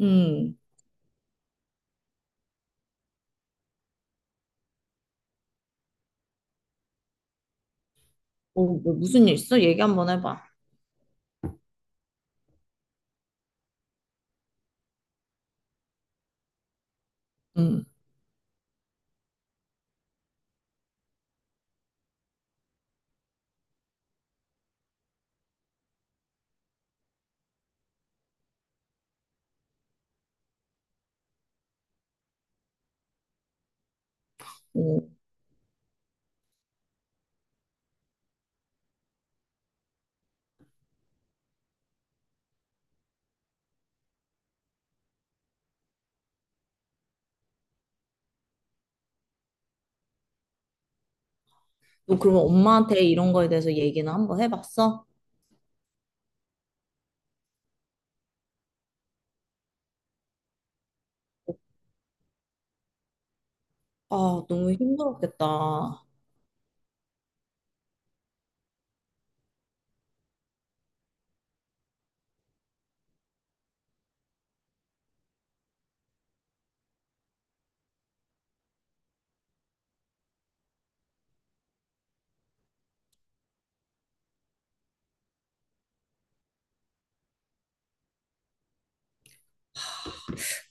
음, 어, 뭐 무슨 일 있어? 얘기 한번 해봐. 음, 어. 너 그러면 엄마한테 이런 거에 대해서 얘기는 한번 해봤어? 아, 너무 힘들었겠다.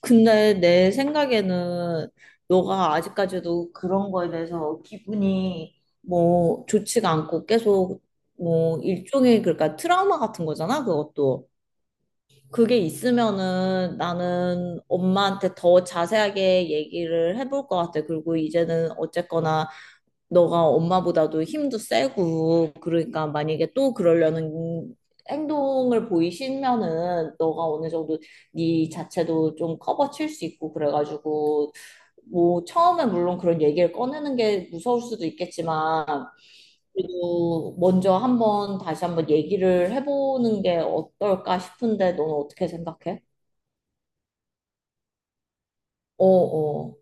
근데 내 생각에는 너가 아직까지도 그런 거에 대해서 기분이 뭐 좋지가 않고 계속 뭐 일종의 그러니까 트라우마 같은 거잖아, 그것도. 그게 있으면은 나는 엄마한테 더 자세하게 얘기를 해볼 것 같아. 그리고 이제는 어쨌거나 너가 엄마보다도 힘도 세고, 그러니까 만약에 또 그러려는 행동을 보이시면은 너가 어느 정도 네 자체도 좀 커버 칠 수 있고 그래가지고 뭐 처음에 물론 그런 얘기를 꺼내는 게 무서울 수도 있겠지만 그래도 먼저 한번 다시 한번 얘기를 해보는 게 어떨까 싶은데 너는 어떻게 생각해? 어어. 어,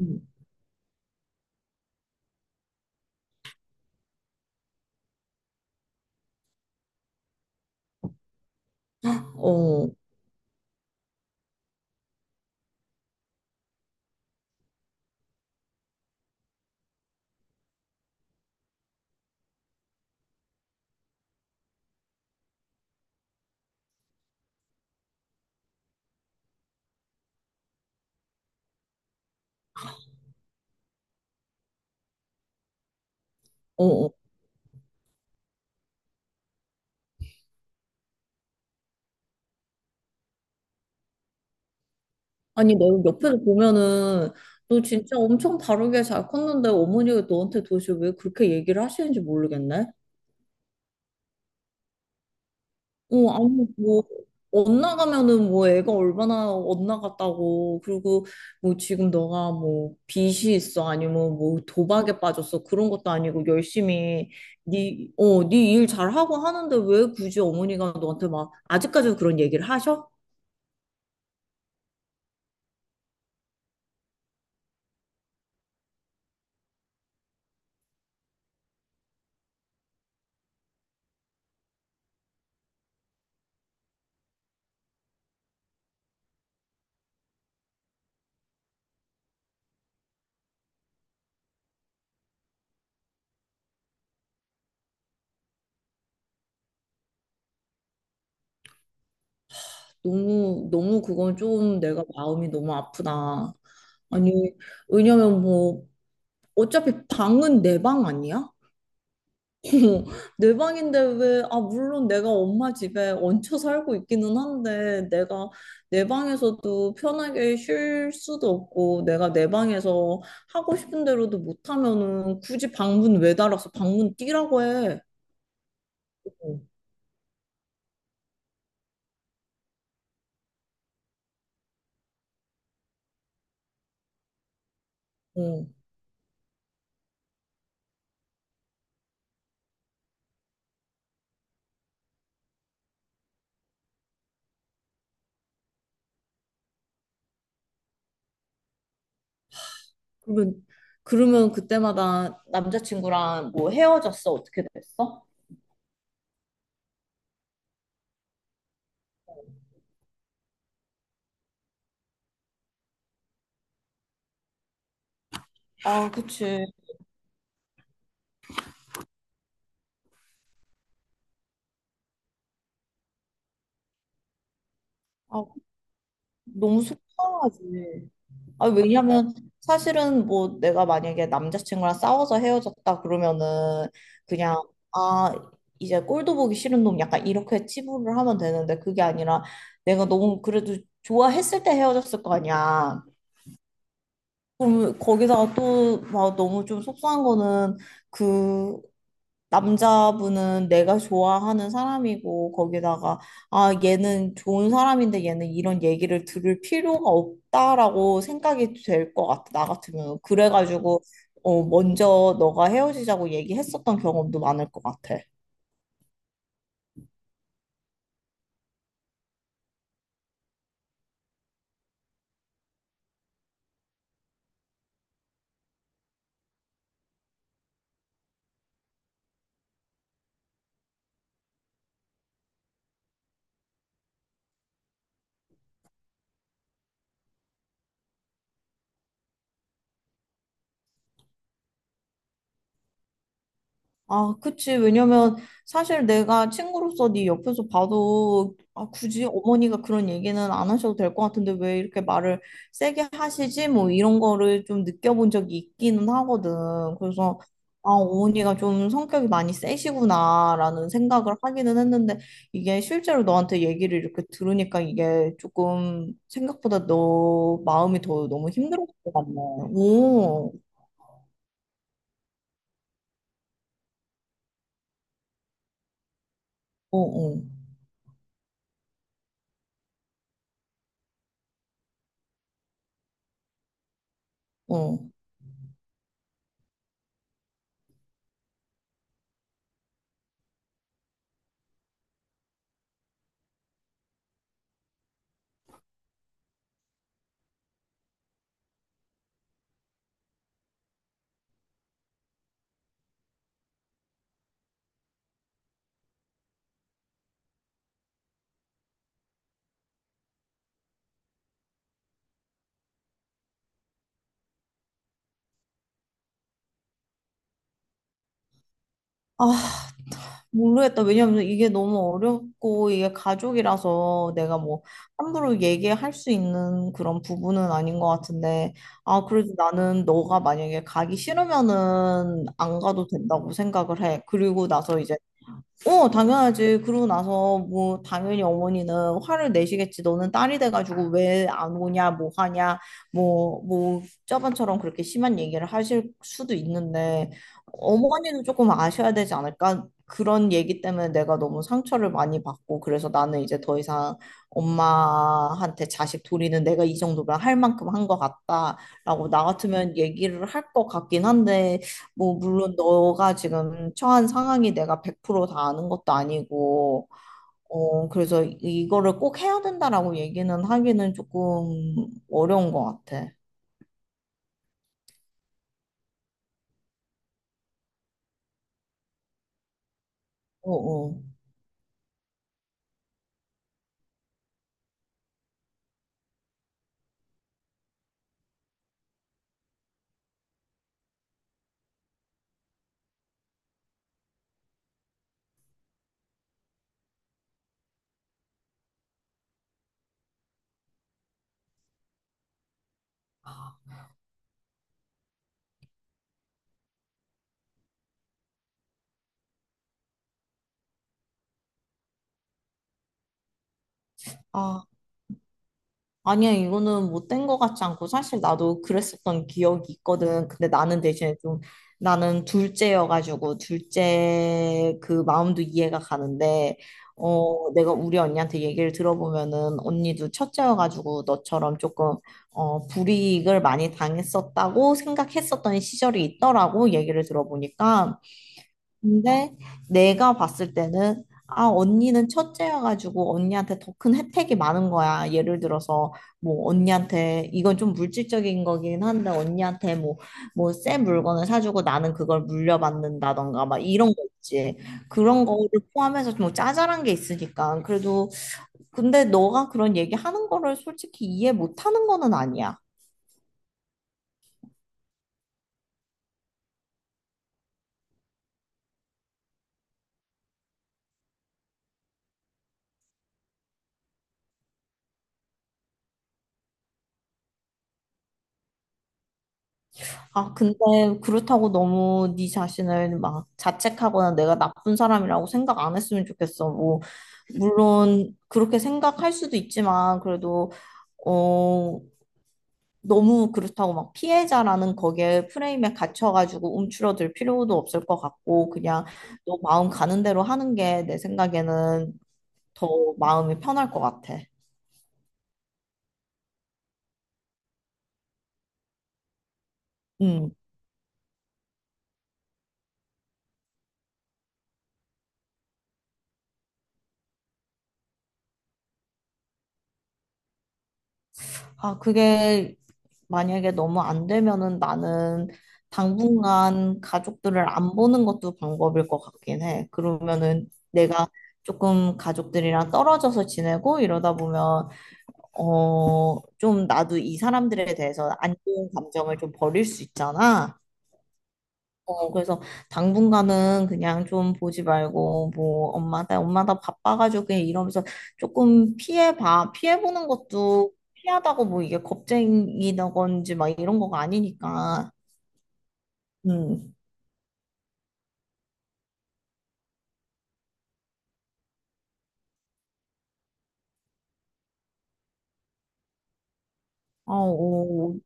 음. 어. 어, 어, 아니, 내가 옆에서 보면은 너 진짜 엄청 다르게 잘 컸는데 어머니가 너한테 도대체 왜 그렇게 얘기를 하시는지 모르겠네. 어, 아니, 뭐, 엇나가면은 뭐 애가 얼마나 엇나갔다고. 그리고 뭐 지금 너가 뭐 빚이 있어. 아니면 뭐 도박에 빠졌어. 그런 것도 아니고 열심히 네, 어, 네 일 잘하고 하는데 왜 굳이 어머니가 너한테 막 아직까지도 그런 얘기를 하셔? 너무, 너무 그건 좀 내가 마음이 너무 아프다. 아니, 왜냐면 뭐, 어차피 방은 내 방 아니야? 내 방인데 왜, 아, 물론 내가 엄마 집에 얹혀 살고 있기는 한데, 내가 내 방에서도 편하게 쉴 수도 없고, 내가 내 방에서 하고 싶은 대로도 못하면은 굳이 방문 왜 달아서 방문 뛰라고 해. 어, 어. 그러면, 그러면 그때마다 남자친구랑 뭐 헤어졌어? 어떻게 됐어? 아, 그치. 아, 너무 속상하지. 아, 왜냐면 사실은 뭐 내가 만약에 남자친구랑 싸워서 헤어졌다 그러면은 그냥 아, 이제 꼴도 보기 싫은 놈 약간 이렇게 치부를 하면 되는데 그게 아니라 내가 너무 그래도 좋아했을 때 헤어졌을 거 아니야. 그럼 거기다가 또 막 너무 좀 속상한 거는 그 남자분은 내가 좋아하는 사람이고 거기다가 아 얘는 좋은 사람인데 얘는 이런 얘기를 들을 필요가 없다라고 생각이 될 것 같아 나 같으면 그래가지고 어 먼저 너가 헤어지자고 얘기했었던 경험도 많을 것 같아. 아, 그치. 왜냐면 사실 내가 친구로서 네 옆에서 봐도 아, 굳이 어머니가 그런 얘기는 안 하셔도 될 것 같은데 왜 이렇게 말을 세게 하시지? 뭐 이런 거를 좀 느껴본 적이 있기는 하거든. 그래서 아, 어머니가 좀 성격이 많이 세시구나라는 생각을 하기는 했는데 이게 실제로 너한테 얘기를 이렇게 들으니까 이게 조금 생각보다 너 마음이 더 너무 힘들었을 것 같네. 오, 어, 어, 어. 아, 모르겠다. 왜냐면 이게 너무 어렵고 이게 가족이라서 내가 뭐 함부로 얘기할 수 있는 그런 부분은 아닌 것 같은데 아 그래도 나는 너가 만약에 가기 싫으면은 안 가도 된다고 생각을 해. 그리고 나서 이제 어, 당연하지. 그러고 나서 뭐 당연히 어머니는 화를 내시겠지. 너는 딸이 돼가지고 왜 안 오냐, 뭐 하냐, 뭐, 뭐 저번처럼 그렇게 심한 얘기를 하실 수도 있는데 어머니는 조금 아셔야 되지 않을까? 그런 얘기 때문에 내가 너무 상처를 많이 받고 그래서 나는 이제 더 이상 엄마한테 자식 도리는 내가 이 정도면 할 만큼 한 것 같다라고 나 같으면 얘기를 할 것 같긴 한데 뭐, 물론 너가 지금 처한 상황이 내가 100%다 아는 것도 아니고, 어, 그래서 이거를 꼭 해야 된다라고 얘기는 하기는 조금 어려운 것 같아. 어, 어. 아. 아니야, 이거는 못된 것 같지 않고, 사실 나도 그랬었던 기억이 있거든. 근데 나는 대신에 좀, 나는 둘째여가지고, 둘째 그 마음도 이해가 가는데, 어, 내가 우리 언니한테 얘기를 들어보면은, 언니도 첫째여가지고, 너처럼 조금, 어, 불이익을 많이 당했었다고 생각했었던 시절이 있더라고, 얘기를 들어보니까. 근데 내가 봤을 때는 아 언니는 첫째여가지고 언니한테 더 큰 혜택이 많은 거야. 예를 들어서 뭐 언니한테 이건 좀 물질적인 거긴 한데 언니한테 뭐뭐새 물건을 사주고 나는 그걸 물려받는다던가 막 이런 거 있지. 그런 거를 포함해서 좀 짜잘한 게 있으니까 그래도 근데 너가 그런 얘기 하는 거를 솔직히 이해 못 하는 거는 아니야. 아, 근데 그렇다고 너무 네 자신을 막 자책하거나 내가 나쁜 사람이라고 생각 안 했으면 좋겠어. 뭐, 물론 그렇게 생각할 수도 있지만 그래도 어 너무 그렇다고 막 피해자라는 거기에 프레임에 갇혀가지고 움츠러들 필요도 없을 것 같고 그냥 너 마음 가는 대로 하는 게 내 생각에는 더 마음이 편할 것 같아. 음. 아, 그게 만약에 너무 안 되면은 나는 당분간 가족들을 안 보는 것도 방법일 것 같긴 해. 그러면은 내가 조금 가족들이랑 떨어져서 지내고 이러다 보면, 어, 좀 나도 이 사람들에 대해서 안 좋은 감정을 좀 버릴 수 있잖아. 어, 그래서 당분간은 그냥 좀 보지 말고, 뭐, 엄마 나 바빠가지고 그냥 이러면서 조금 피해봐. 피해보는 것도 피하다고 뭐 이게 겁쟁이다건지 막 이런 거가 아니니까. 음. 아, 오,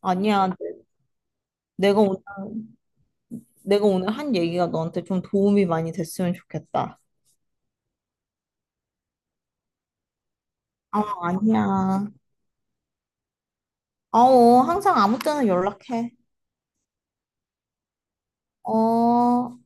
아니야. 내가, 오- 내가 오늘 한 얘기가 너한테 좀 도움이 많이 됐으면 좋겠다. 아, 아니야. 아우, 항상 아무 때나 연락해. 어.